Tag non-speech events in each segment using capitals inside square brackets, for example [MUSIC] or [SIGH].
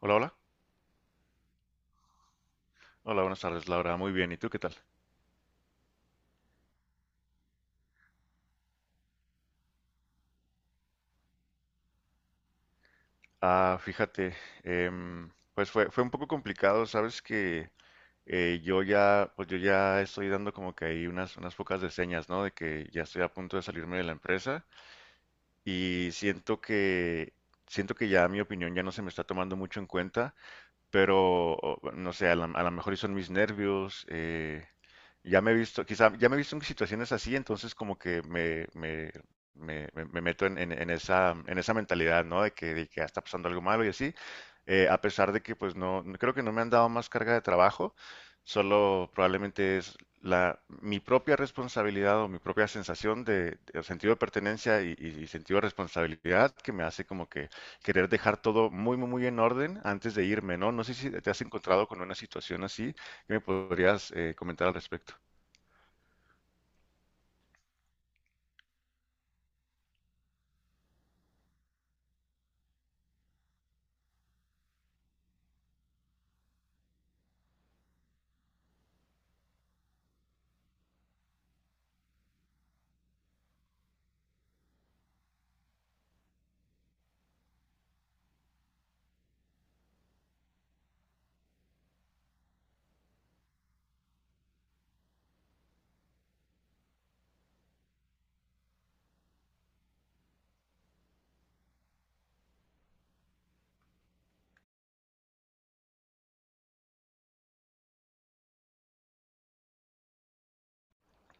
Hola, hola. Hola, buenas tardes, Laura. Muy bien. ¿Y tú qué tal? Ah, fíjate, pues fue un poco complicado. Sabes que pues yo ya estoy dando como que ahí unas pocas de señas, ¿no? De que ya estoy a punto de salirme de la empresa y siento que ya mi opinión ya no se me está tomando mucho en cuenta. Pero no sé, a lo mejor y son mis nervios. Quizá ya me he visto en situaciones así, entonces como que me meto en esa mentalidad, ¿no? De que "Ah, está pasando algo malo", y así, a pesar de que pues creo que no me han dado más carga de trabajo. Solo probablemente es mi propia responsabilidad o mi propia sensación de sentido de pertenencia y sentido de responsabilidad que me hace como que querer dejar todo muy, muy, muy en orden antes de irme, ¿no? No sé si te has encontrado con una situación así. ¿Qué me podrías comentar al respecto?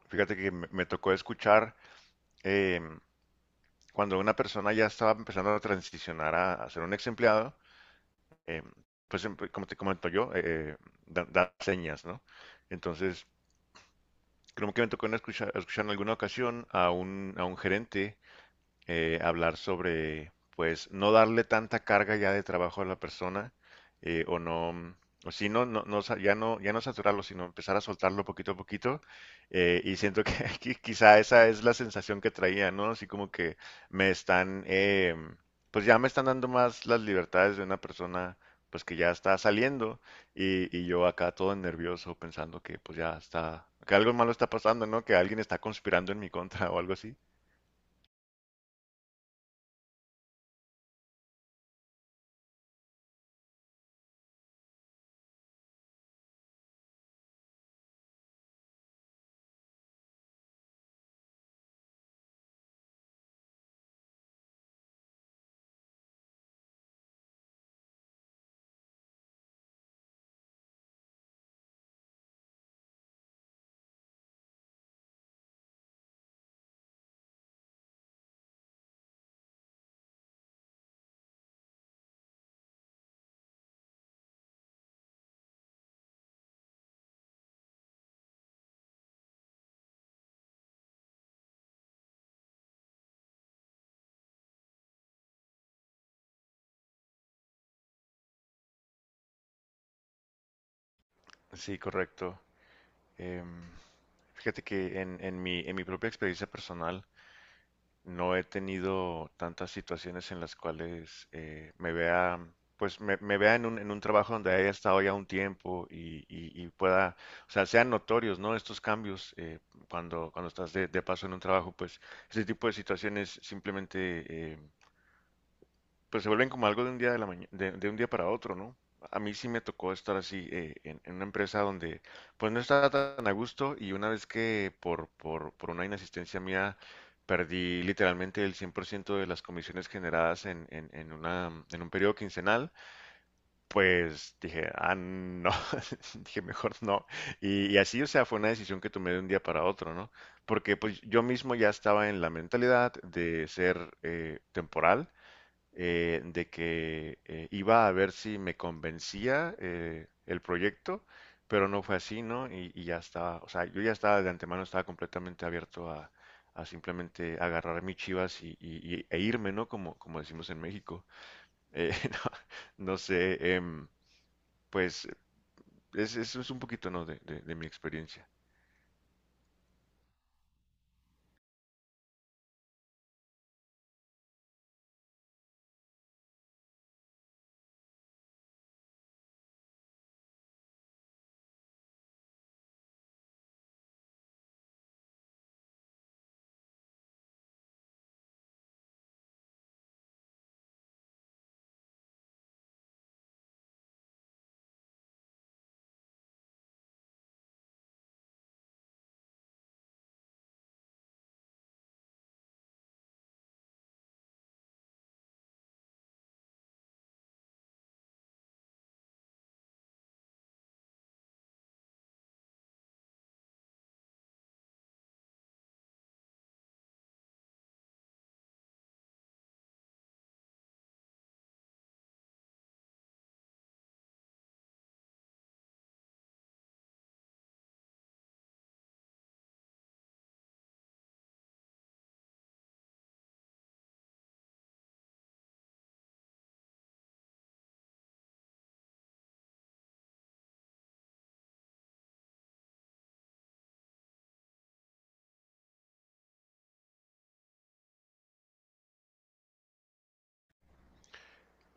Fíjate que me tocó escuchar eh, cuando una persona ya estaba empezando a transicionar a ser un ex empleado. eh, pues como te comento yo, da señas, ¿no? Entonces, creo que me tocó en escuchar en alguna ocasión a un gerente hablar sobre, pues, no darle tanta carga ya de trabajo a la persona, eh, o no, o si no, ya no saturarlo, sino empezar a soltarlo poquito a poquito. Y siento que [LAUGHS] quizá esa es la sensación que traía, ¿no? Así como que me están, eh, pues ya me están dando más las libertades de una persona, pues que ya está saliendo, y yo acá todo nervioso pensando que pues ya está, que algo malo está pasando, ¿no? Que alguien está conspirando en mi contra o algo así. Sí, correcto. Eh, Fíjate que en mi propia experiencia personal no he tenido tantas situaciones en las cuales pues me vea en un trabajo donde haya estado ya un tiempo y pueda, o sea, sean notorios, ¿no? Estos cambios cuando estás de paso en un trabajo, pues ese tipo de situaciones simplemente. Pero se vuelven como algo de un día de la maña- de un día para otro, ¿no? A mí sí me tocó estar así en una empresa donde pues no estaba tan a gusto, y una vez que por una inasistencia mía perdí literalmente el 100% de las comisiones generadas en un periodo quincenal, pues dije, ah, no, [LAUGHS] dije, mejor no. Y así, o sea, fue una decisión que tomé de un día para otro, ¿no? Porque pues yo mismo ya estaba en la mentalidad de ser temporal, de que iba a ver si me convencía el proyecto, pero no fue así, ¿no? Y ya estaba, o sea, yo ya estaba de antemano, estaba completamente abierto a simplemente agarrar mis chivas e irme, ¿no? Como decimos en México. Eh, [LAUGHS] no, no sé, pues es un poquito, ¿no? De mi experiencia.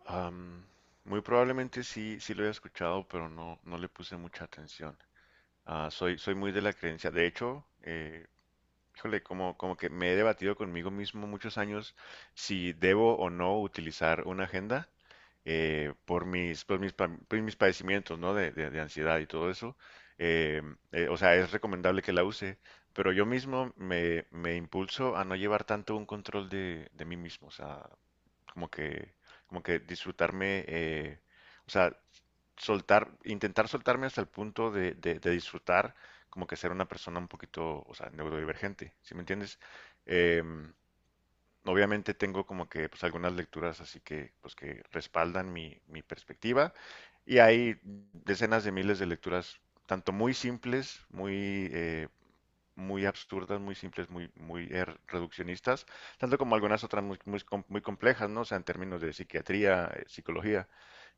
Am, Muy probablemente sí, sí lo he escuchado, pero no le puse mucha atención. Ah, soy muy de la creencia. De hecho, híjole, como que me he debatido conmigo mismo muchos años si debo o no utilizar una agenda, por mis padecimientos, ¿no? De ansiedad y todo eso. Eh, o sea, es recomendable que la use, pero yo mismo me impulso a no llevar tanto un control de mí mismo. O sea, como que, como que disfrutarme, o sea, intentar soltarme hasta el punto de disfrutar, como que ser una persona un poquito, o sea, neurodivergente, ¿sí me entiendes? Em, Obviamente tengo como que, pues, algunas lecturas así que, pues, que respaldan mi perspectiva, y hay decenas de miles de lecturas, tanto muy simples, muy absurdas, muy simples, muy, muy reduccionistas, tanto como algunas otras muy, muy complejas, ¿no? O sea, en términos de psiquiatría, psicología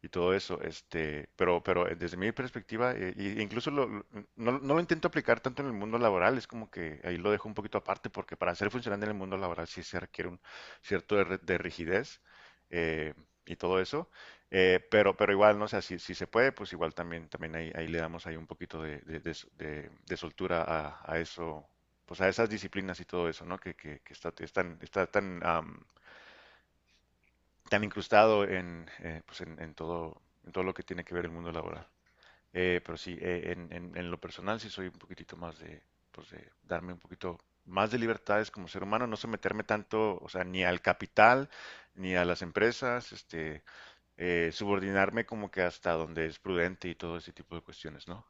y todo eso. Pero, desde mi perspectiva, e incluso no lo intento aplicar tanto en el mundo laboral. Es como que ahí lo dejo un poquito aparte, porque para ser funcionante en el mundo laboral sí se requiere un cierto de rigidez eh, y todo eso. Pero igual, no sé, si se puede, pues igual también ahí le damos ahí un poquito de soltura a, eso, pues a esas disciplinas y todo eso, ¿no? Que está tan incrustado en, pues en todo lo que tiene que ver el mundo laboral. Pero sí, lo personal sí soy un poquitito más pues de darme un poquito más de libertades como ser humano, no someterme tanto, o sea, ni al capital, ni a las empresas. Este, subordinarme como que hasta donde es prudente, y todo ese tipo de cuestiones, ¿no?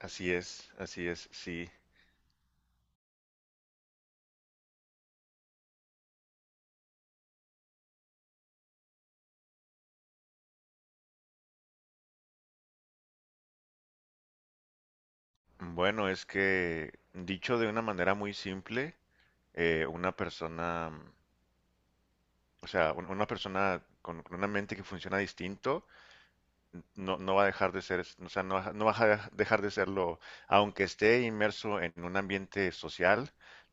Así es, sí. Bueno, es que dicho de una manera muy simple, una persona, o sea, una persona con una mente que funciona distinto, no va a dejar de ser, o sea, no va a dejar de serlo, aunque esté inmerso en un ambiente social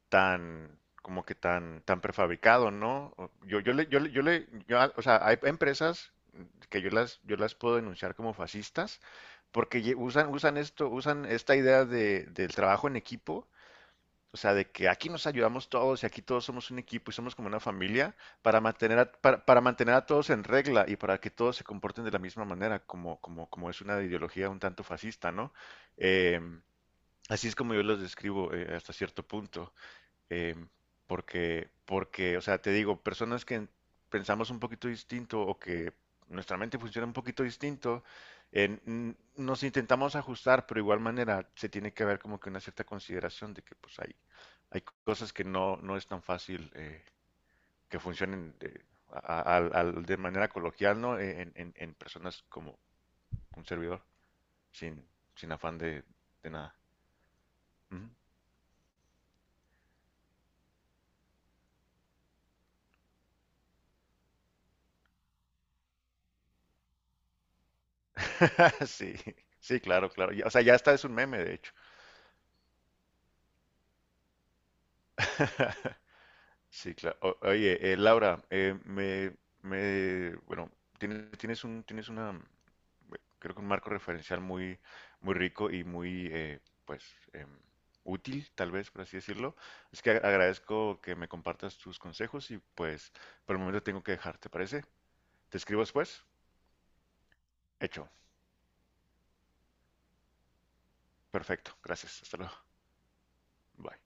como que tan prefabricado, ¿no? Yo a- o sea, hay empresas que yo las puedo denunciar como fascistas porque usan esta idea del trabajo en equipo. O sea, de que aquí nos ayudamos todos y aquí todos somos un equipo y somos como una familia, para para mantener a todos en regla y para que todos se comporten de la misma manera, como es una ideología un tanto fascista, ¿no? Em, Así es como yo los describo hasta cierto punto, eh, porque, o sea, te digo, personas que pensamos un poquito distinto o que nuestra mente funciona un poquito distinto, nos intentamos ajustar, pero de igual manera se tiene que haber como que una cierta consideración de que pues hay cosas que no es tan fácil que funcionen de, a- al- al- de manera coloquial, ¿no? En personas como un servidor, sin, sin afán de nada. Ujú. [LAUGHS] Sí, sí, claro, claro. O sea, ya está, es un meme, de hecho. [LAUGHS] Sí, claro. Oye, Laura, me, bueno, tienes una, creo que un marco referencial muy, muy rico y muy, pues, em, útil, tal vez, por así decirlo. Es que agradezco que me compartas tus consejos y, pues, por el momento tengo que dejar, ¿te parece? Te escribo después. Hecho. Perfecto. Gracias. Hasta luego. Bye.